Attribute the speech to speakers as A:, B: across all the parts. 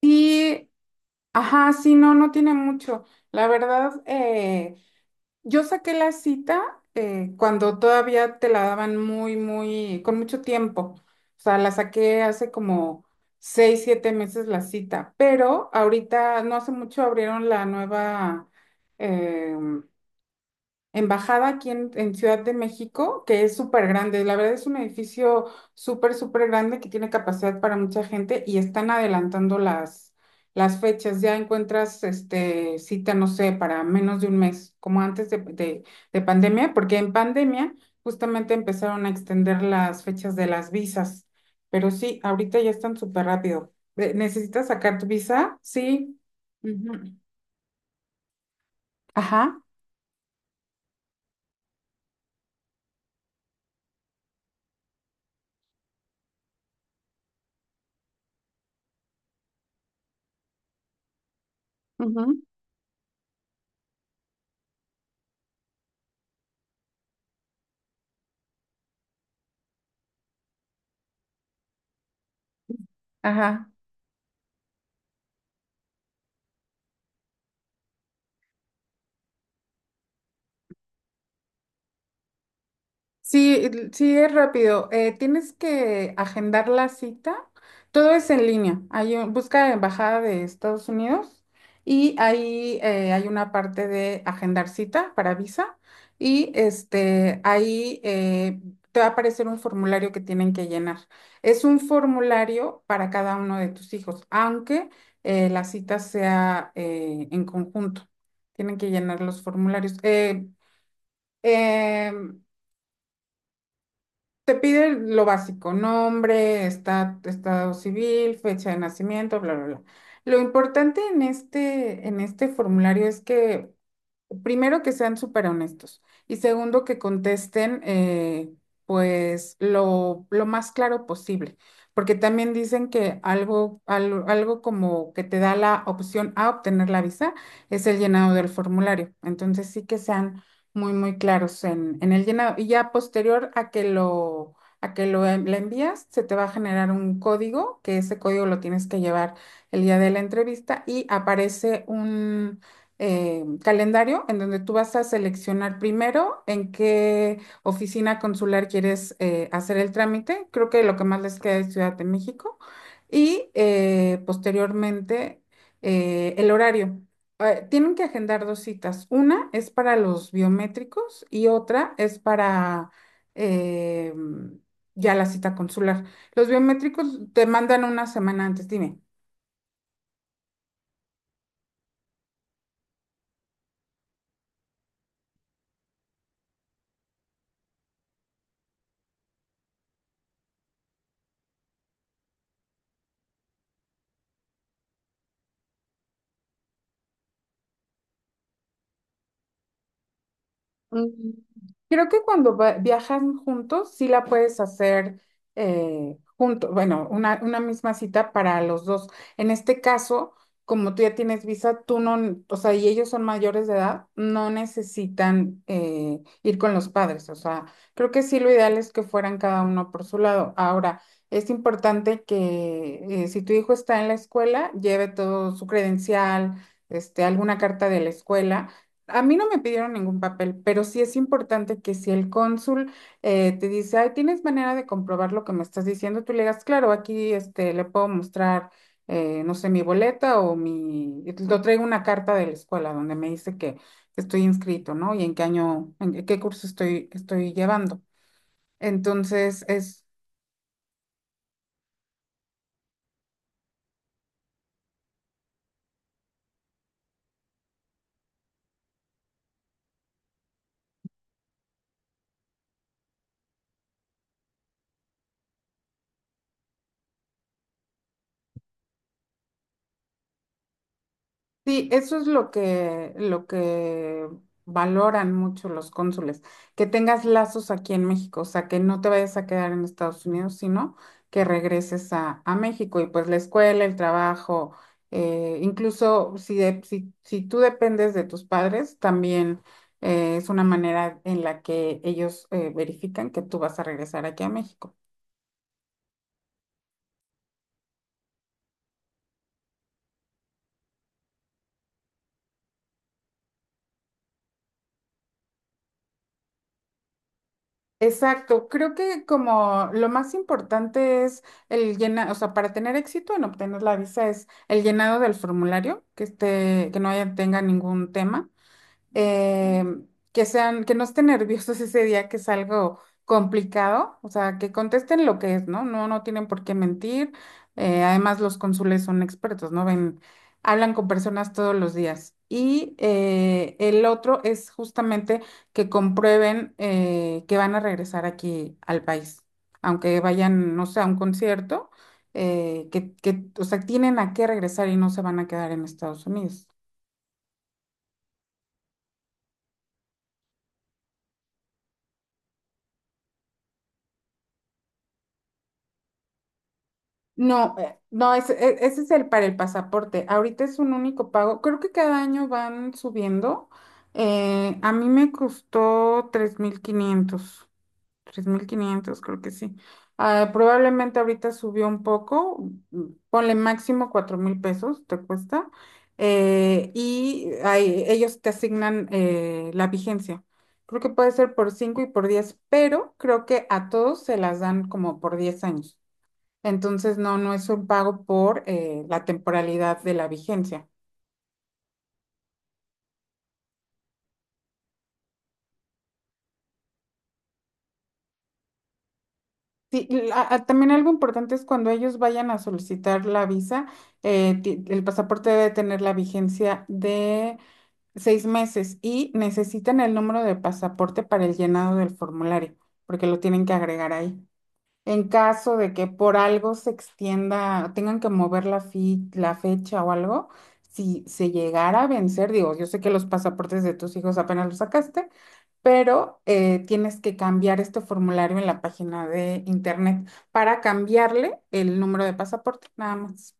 A: Sí, ajá, sí, no, no tiene mucho. La verdad, yo saqué la cita cuando todavía te la daban muy, muy, con mucho tiempo. O sea, la saqué hace como 6, 7 meses la cita, pero ahorita no hace mucho abrieron la nueva, em, embajada aquí en Ciudad de México, que es súper grande. La verdad es un edificio súper, súper grande que tiene capacidad para mucha gente y están adelantando las fechas. Ya encuentras este, cita, no sé, para menos de un mes, como antes de pandemia, porque en pandemia justamente empezaron a extender las fechas de las visas. Pero sí, ahorita ya están súper rápido. ¿Necesitas sacar tu visa? Sí. Ujú. Ajá. Ujú. Ajá. Sí, sí, es rápido. Tienes que agendar la cita. Todo es en línea. Hay busca Embajada de Estados Unidos y ahí hay una parte de agendar cita para visa y este, ahí, te va a aparecer un formulario que tienen que llenar. Es un formulario para cada uno de tus hijos, aunque la cita sea en conjunto. Tienen que llenar los formularios. Em, te pide lo básico: nombre, estado civil, fecha de nacimiento, bla, bla, bla. Lo importante en este formulario es que, primero, que sean súper honestos. Y segundo, que contesten, pues, lo más claro posible. Porque también dicen que algo como que te da la opción a obtener la visa es el llenado del formulario. Entonces sí, que sean muy, muy claros en el llenado. Y ya posterior a que la envías, se te va a generar un código, que ese código lo tienes que llevar el día de la entrevista, y aparece un calendario en donde tú vas a seleccionar primero en qué oficina consular quieres hacer el trámite. Creo que lo que más les queda es Ciudad de México. Y posteriormente, el horario. Tienen que agendar dos citas. Una es para los biométricos y otra es para eh, ya la cita consular. Los biométricos te mandan una semana antes. Dime. Mm, Creo que cuando viajan juntos, sí la puedes hacer junto, bueno, una misma cita para los dos. En este caso, como tú ya tienes visa, tú no, o sea, y ellos son mayores de edad, no necesitan ir con los padres. O sea, creo que sí, lo ideal es que fueran cada uno por su lado. Ahora, es importante que, si tu hijo está en la escuela, lleve todo: su credencial, este, alguna carta de la escuela. A mí no me pidieron ningún papel, pero sí es importante que si el cónsul te dice: "Ay, ¿tienes manera de comprobar lo que me estás diciendo?", tú le digas: "Claro, aquí este, le puedo mostrar, no sé, mi boleta o mi... Lo traigo, una carta de la escuela donde me dice que estoy inscrito, ¿no? Y en qué año, en qué curso estoy llevando." Entonces, es... Sí, eso es lo que valoran mucho los cónsules, que tengas lazos aquí en México, o sea, que no te vayas a quedar en Estados Unidos, sino que regreses a México, y pues la escuela, el trabajo, incluso si, si tú dependes de tus padres, también es una manera en la que ellos verifican que tú vas a regresar aquí a México. Exacto. Creo que, como, lo más importante es el llenado, o sea, para tener éxito en obtener la visa es el llenado del formulario, que esté, que no haya, tenga ningún tema, eh, que sean, que no estén nerviosos ese día, que es algo complicado, o sea, que contesten lo que es, ¿no? No, no tienen por qué mentir. Además, los cónsules son expertos, ¿no? Ven, hablan con personas todos los días. Y el otro es justamente que comprueben que van a regresar aquí al país, aunque vayan, no sé, a un concierto, o sea, tienen a qué regresar y no se van a quedar en Estados Unidos. No, no, ese es el para el pasaporte. Ahorita es un único pago. Creo que cada año van subiendo. A mí me costó 3,500, creo que sí. Ah, probablemente ahorita subió un poco. mm, Ponle máximo 4,000 pesos, te cuesta. Y ahí ellos te asignan la vigencia. Creo que puede ser por 5 y por 10, pero creo que a todos se las dan como por 10 años. Entonces no, no es un pago por la temporalidad de la vigencia. Sí, ah, también algo importante es cuando ellos vayan a solicitar la visa, el pasaporte debe tener la vigencia de 6 meses y necesitan el número de pasaporte para el llenado del formulario, porque lo tienen que agregar ahí. En caso de que por algo se extienda, tengan que mover la fecha o algo, si se llegara a vencer, digo, yo sé que los pasaportes de tus hijos apenas los sacaste, pero tienes que cambiar este formulario en la página de internet para cambiarle el número de pasaporte, nada más.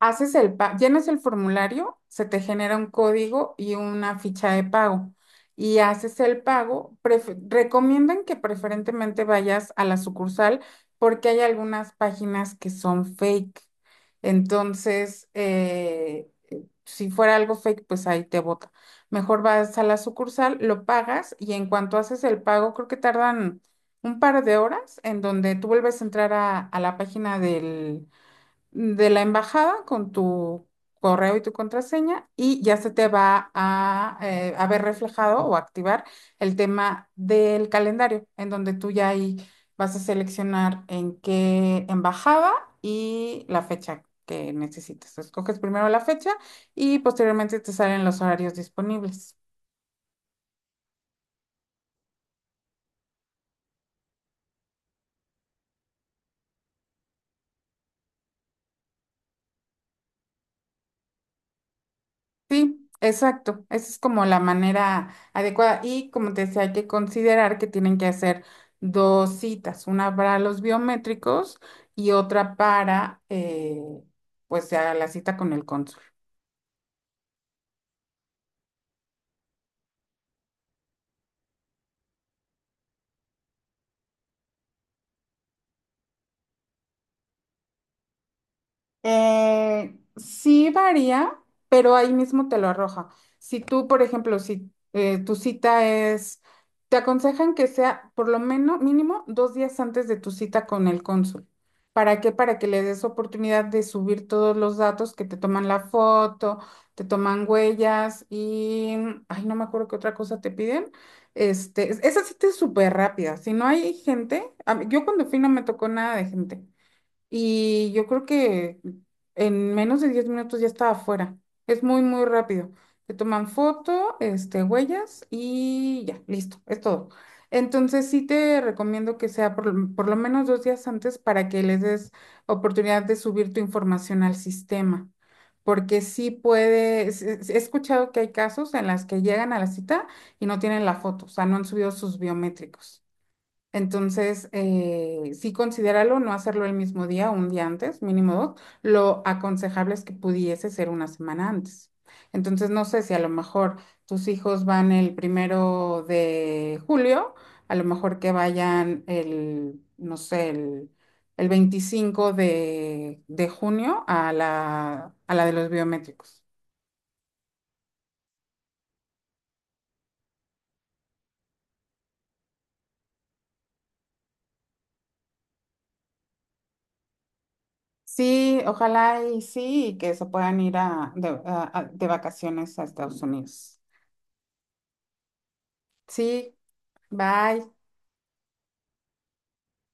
A: Haces el llenas el formulario, se te genera un código y una ficha de pago. Y haces el pago. Prefe- recomiendan que preferentemente vayas a la sucursal, porque hay algunas páginas que son fake. Entonces, si fuera algo fake, pues ahí te bota. Mejor vas a la sucursal, lo pagas, y en cuanto haces el pago, creo que tardan un par de horas, en donde tú vuelves a entrar a la página de la embajada con tu correo y tu contraseña, y ya se te va a haber reflejado o activar el tema del calendario, en donde tú ya ahí vas a seleccionar en qué embajada y la fecha que necesites. Escoges primero la fecha y posteriormente te salen los horarios disponibles. Sí, exacto. Esa es como la manera adecuada. Y como te decía, hay que considerar que tienen que hacer dos citas, una para los biométricos y otra para, pues, ya la cita con el cónsul. Sí varía, pero ahí mismo te lo arroja. Si tú, por ejemplo, si tu cita es, te aconsejan que sea por lo menos, mínimo, 2 días antes de tu cita con el cónsul. ¿Para qué? Para que le des oportunidad de subir todos los datos, que te toman la foto, te toman huellas y, ay, no me acuerdo qué otra cosa te piden. Este, esa cita es súper rápida. Si no hay gente, yo cuando fui no me tocó nada de gente, y yo creo que en menos de 10 minutos ya estaba afuera. Es muy, muy rápido. Te toman foto, este, huellas y ya, listo, es todo. Entonces sí te recomiendo que sea por lo menos 2 días antes para que les des oportunidad de subir tu información al sistema, porque sí puedes, he escuchado que hay casos en las que llegan a la cita y no tienen la foto, o sea, no han subido sus biométricos. Entonces, sí, considéralo: no hacerlo el mismo día, un día antes, mínimo dos. Lo aconsejable es que pudiese ser una semana antes. Entonces, no sé, si a lo mejor tus hijos van el 1 de julio, a lo mejor que vayan el, no sé, el 25 de junio a a la de los biométricos. Sí, ojalá y sí, y que se puedan ir de vacaciones a Estados Unidos. Sí. Bye.